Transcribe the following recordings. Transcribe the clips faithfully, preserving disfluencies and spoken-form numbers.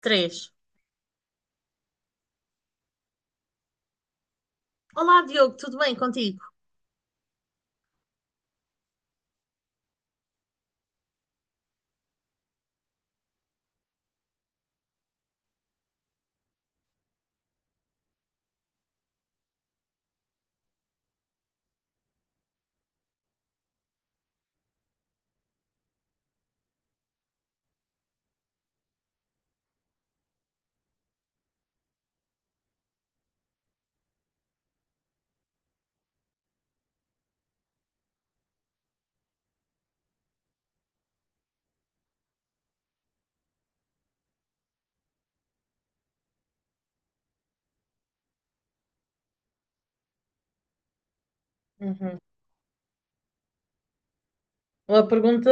Três. Olá, Diogo, tudo bem contigo? Uhum. Uma pergunta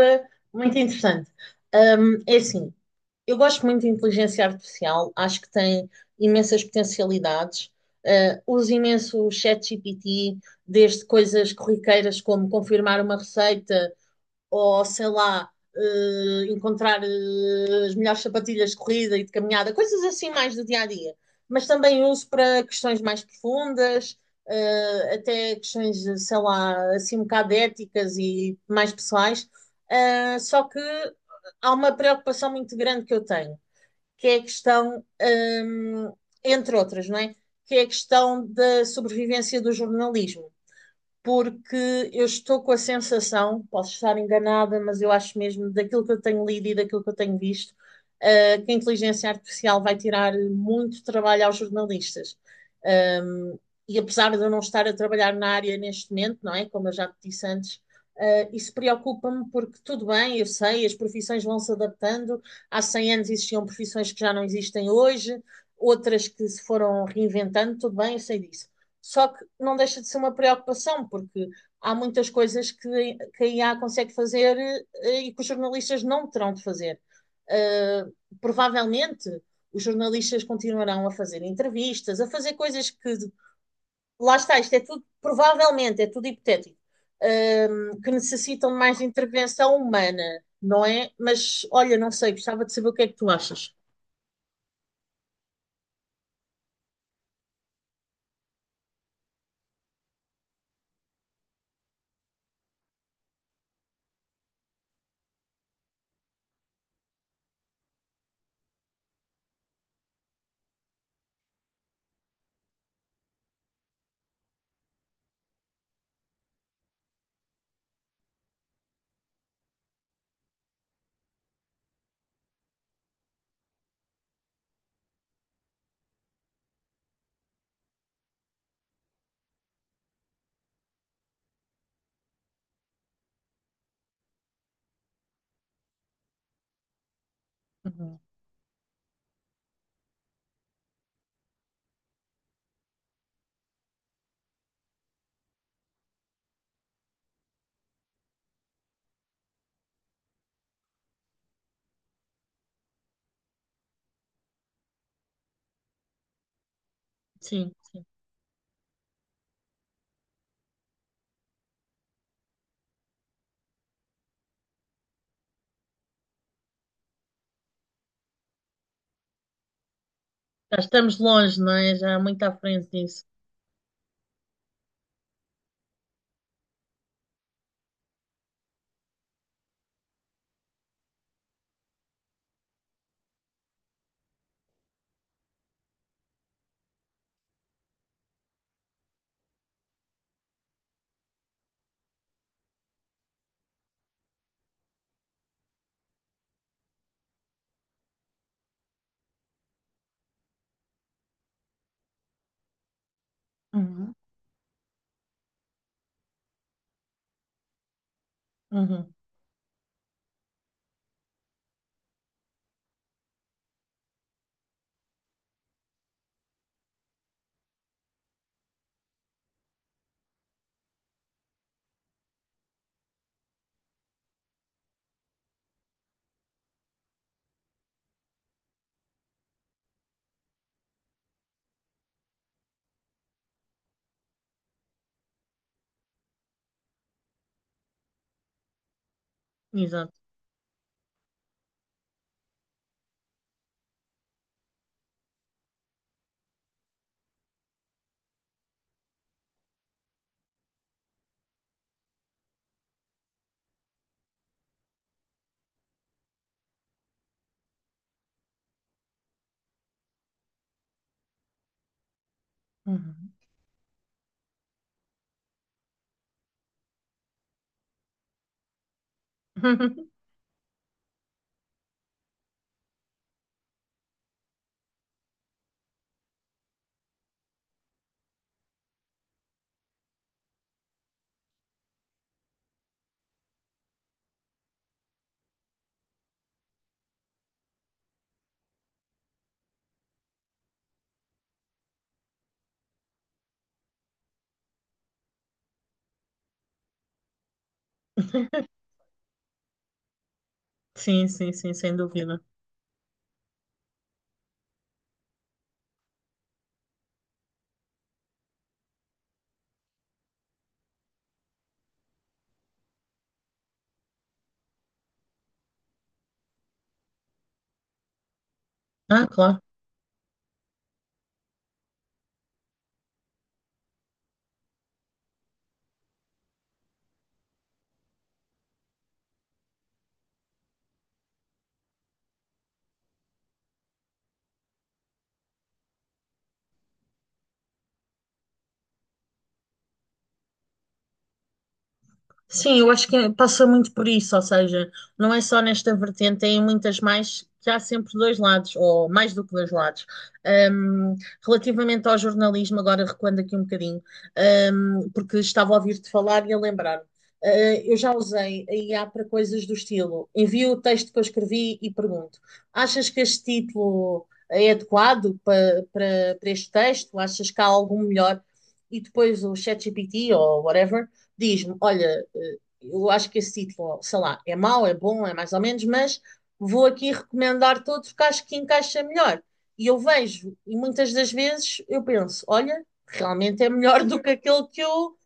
muito interessante. Ahm, é assim, eu gosto muito de inteligência artificial, acho que tem imensas potencialidades. Ah, uso imenso o ChatGPT, desde coisas corriqueiras como confirmar uma receita, ou sei lá, eh, encontrar eh, as melhores sapatilhas de corrida e de caminhada, coisas assim mais do dia a dia. Mas também uso para questões mais profundas, eh, até questões, eh, sei lá, assim um bocado éticas e mais pessoais. Eh, só que há uma preocupação muito grande que eu tenho, que é a questão, hum, entre outras, não é? Que é a questão da sobrevivência do jornalismo porque eu estou com a sensação, posso estar enganada, mas eu acho mesmo, daquilo que eu tenho lido e daquilo que eu tenho visto, eh, que a inteligência artificial vai tirar muito trabalho aos jornalistas. Um, e apesar de eu não estar a trabalhar na área neste momento, não é? Como eu já te disse antes, eh, isso preocupa-me porque tudo bem, eu sei, as profissões vão se adaptando. Há cem anos existiam profissões que já não existem hoje, outras que se foram reinventando, tudo bem, eu sei disso. Só que não deixa de ser uma preocupação, porque há muitas coisas que, que a I A consegue fazer eh, e que os jornalistas não terão de fazer. Uh, provavelmente os jornalistas continuarão a fazer entrevistas, a fazer coisas que, lá está, isto é tudo, provavelmente, é tudo hipotético, uh, que necessitam de mais intervenção humana, não é? Mas, olha, não sei, gostava de saber o que é que tu achas. Uhum. Sim, sim. Já estamos longe, não é? Já muito à frente disso. Uhum. Uhum. Exato. Uhum. Sim, sim, sim, sem dúvida. Ah, claro. Sim, eu acho que passa muito por isso, ou seja, não é só nesta vertente, tem muitas mais que há sempre dois lados, ou mais do que dois lados. Um, relativamente ao jornalismo, agora recuando aqui um bocadinho, um, porque estava a ouvir-te falar e a lembrar. Uh, eu já usei a I A para coisas do estilo. Envio o texto que eu escrevi e pergunto: achas que este título é adequado para, para, para este texto? Achas que há algum melhor? E depois o ChatGPT ou whatever diz-me: Olha, eh, eu acho que esse título, sei lá, é mau, é bom, é mais ou menos, mas vou aqui recomendar todos que acho que encaixa melhor. E eu vejo, e muitas das vezes eu penso: Olha, realmente é melhor do que aquele que eu,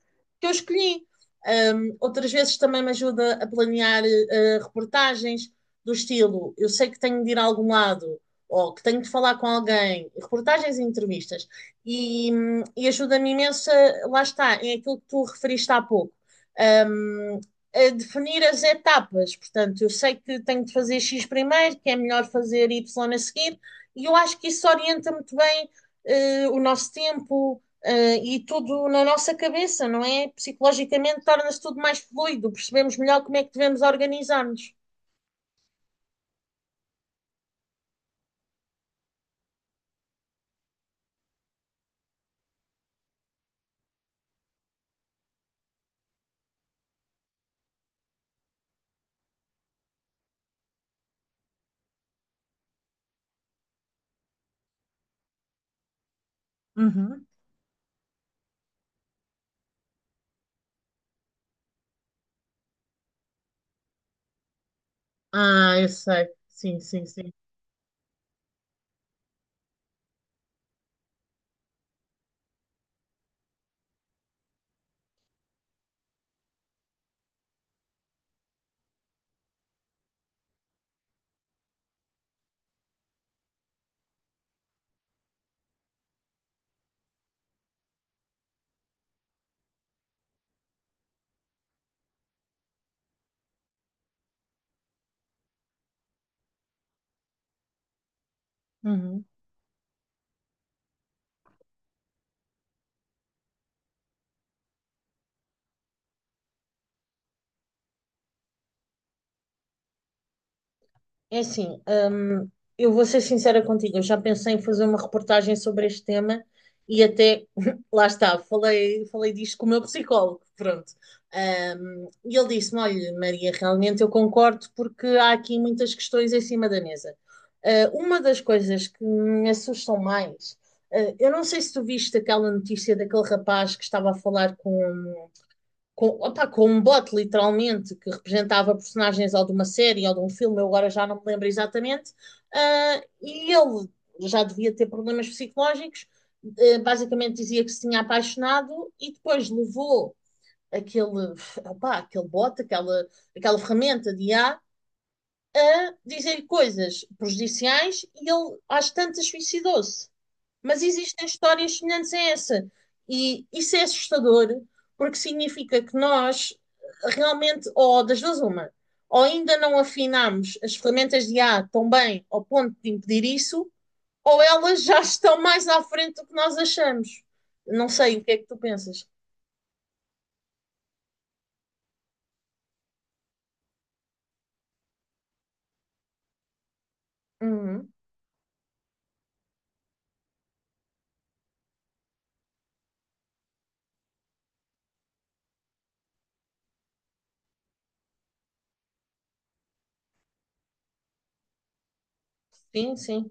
que eu escolhi. Ahm, outras vezes também me ajuda a planear eh, reportagens do estilo: eu sei que tenho de ir a algum lado ou que tenho de falar com alguém, reportagens e entrevistas, e, hum, e ajuda-me imenso, a- lá está, é aquilo que tu referiste há pouco, hum, a definir as etapas. Portanto, eu sei que tenho de fazer X primeiro, que é melhor fazer Y a seguir, e eu acho que isso orienta muito bem, eh, o nosso tempo, eh, e tudo na nossa cabeça, não é? Psicologicamente torna-se tudo mais fluido, percebemos melhor como é que devemos organizar-nos. Uhum. Ah, eu sei. Sim, sim, sim. Uhum. É assim, hum, eu vou ser sincera contigo, eu já pensei em fazer uma reportagem sobre este tema e até, lá está, falei, falei disto com o meu psicólogo, pronto. Hum, e ele disse-me, olha, Maria, realmente eu concordo porque há aqui muitas questões em cima da mesa. Ah, uma das coisas que me assustam mais, ah, eu não sei se tu viste aquela notícia daquele rapaz que estava a falar com, com, opá, com um bot, literalmente, que representava personagens ou de uma série ou de um filme, eu agora já não me lembro exatamente, ah, e ele já devia ter problemas psicológicos, eh, basicamente dizia que se tinha apaixonado e depois levou aquele, opá, aquele bot, aquela, aquela ferramenta de I a, a dizer coisas prejudiciais e ele às tantas suicidou-se. Mas existem histórias semelhantes a essa. E isso é assustador, porque significa que nós realmente, ou das duas uma, ou ainda não afinamos as ferramentas de I a tão bem ao ponto de impedir isso, ou elas já estão mais à frente do que nós achamos. Não sei, o que é que tu pensas? Uhum. Sim, sim,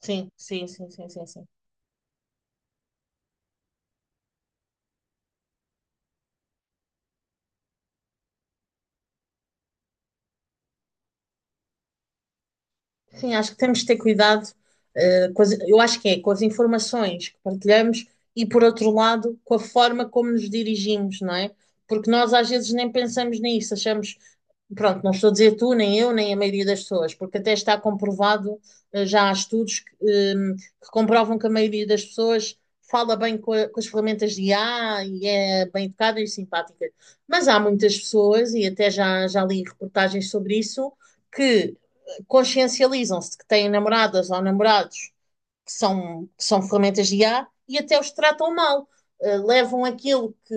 sim, sim, sim, sim, sim, sim. Sim, acho que temos de ter cuidado, eh, com as- eu acho que é com as informações que partilhamos e, por outro lado, com a forma como nos dirigimos, não é? Porque nós às vezes nem pensamos nisso, achamos. Pronto, não estou a dizer tu, nem eu, nem a maioria das pessoas, porque até está comprovado, eh, já há estudos que, eh, que comprovam que a maioria das pessoas fala bem com, a- com as ferramentas de I A e é bem educada e simpática. Mas há muitas pessoas, e até já, já li reportagens sobre isso, que eh, consciencializam-se de que têm namoradas ou namorados que são, que são ferramentas de I A e até os tratam mal. Eh, levam aquilo que,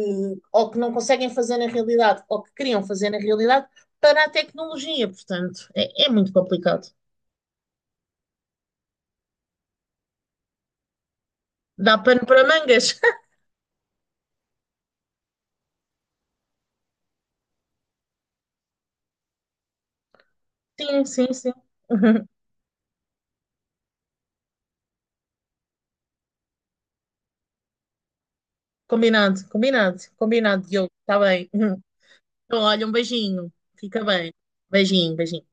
ou que não conseguem fazer na realidade, ou que queriam fazer na realidade, para a tecnologia, portanto, é, é muito complicado. Dá pano para mangas. Sim, sim, sim. Combinado, combinado, combinado, Diogo. Está bem. Então, olha, um beijinho. Fica bem. Beijinho, beijinho.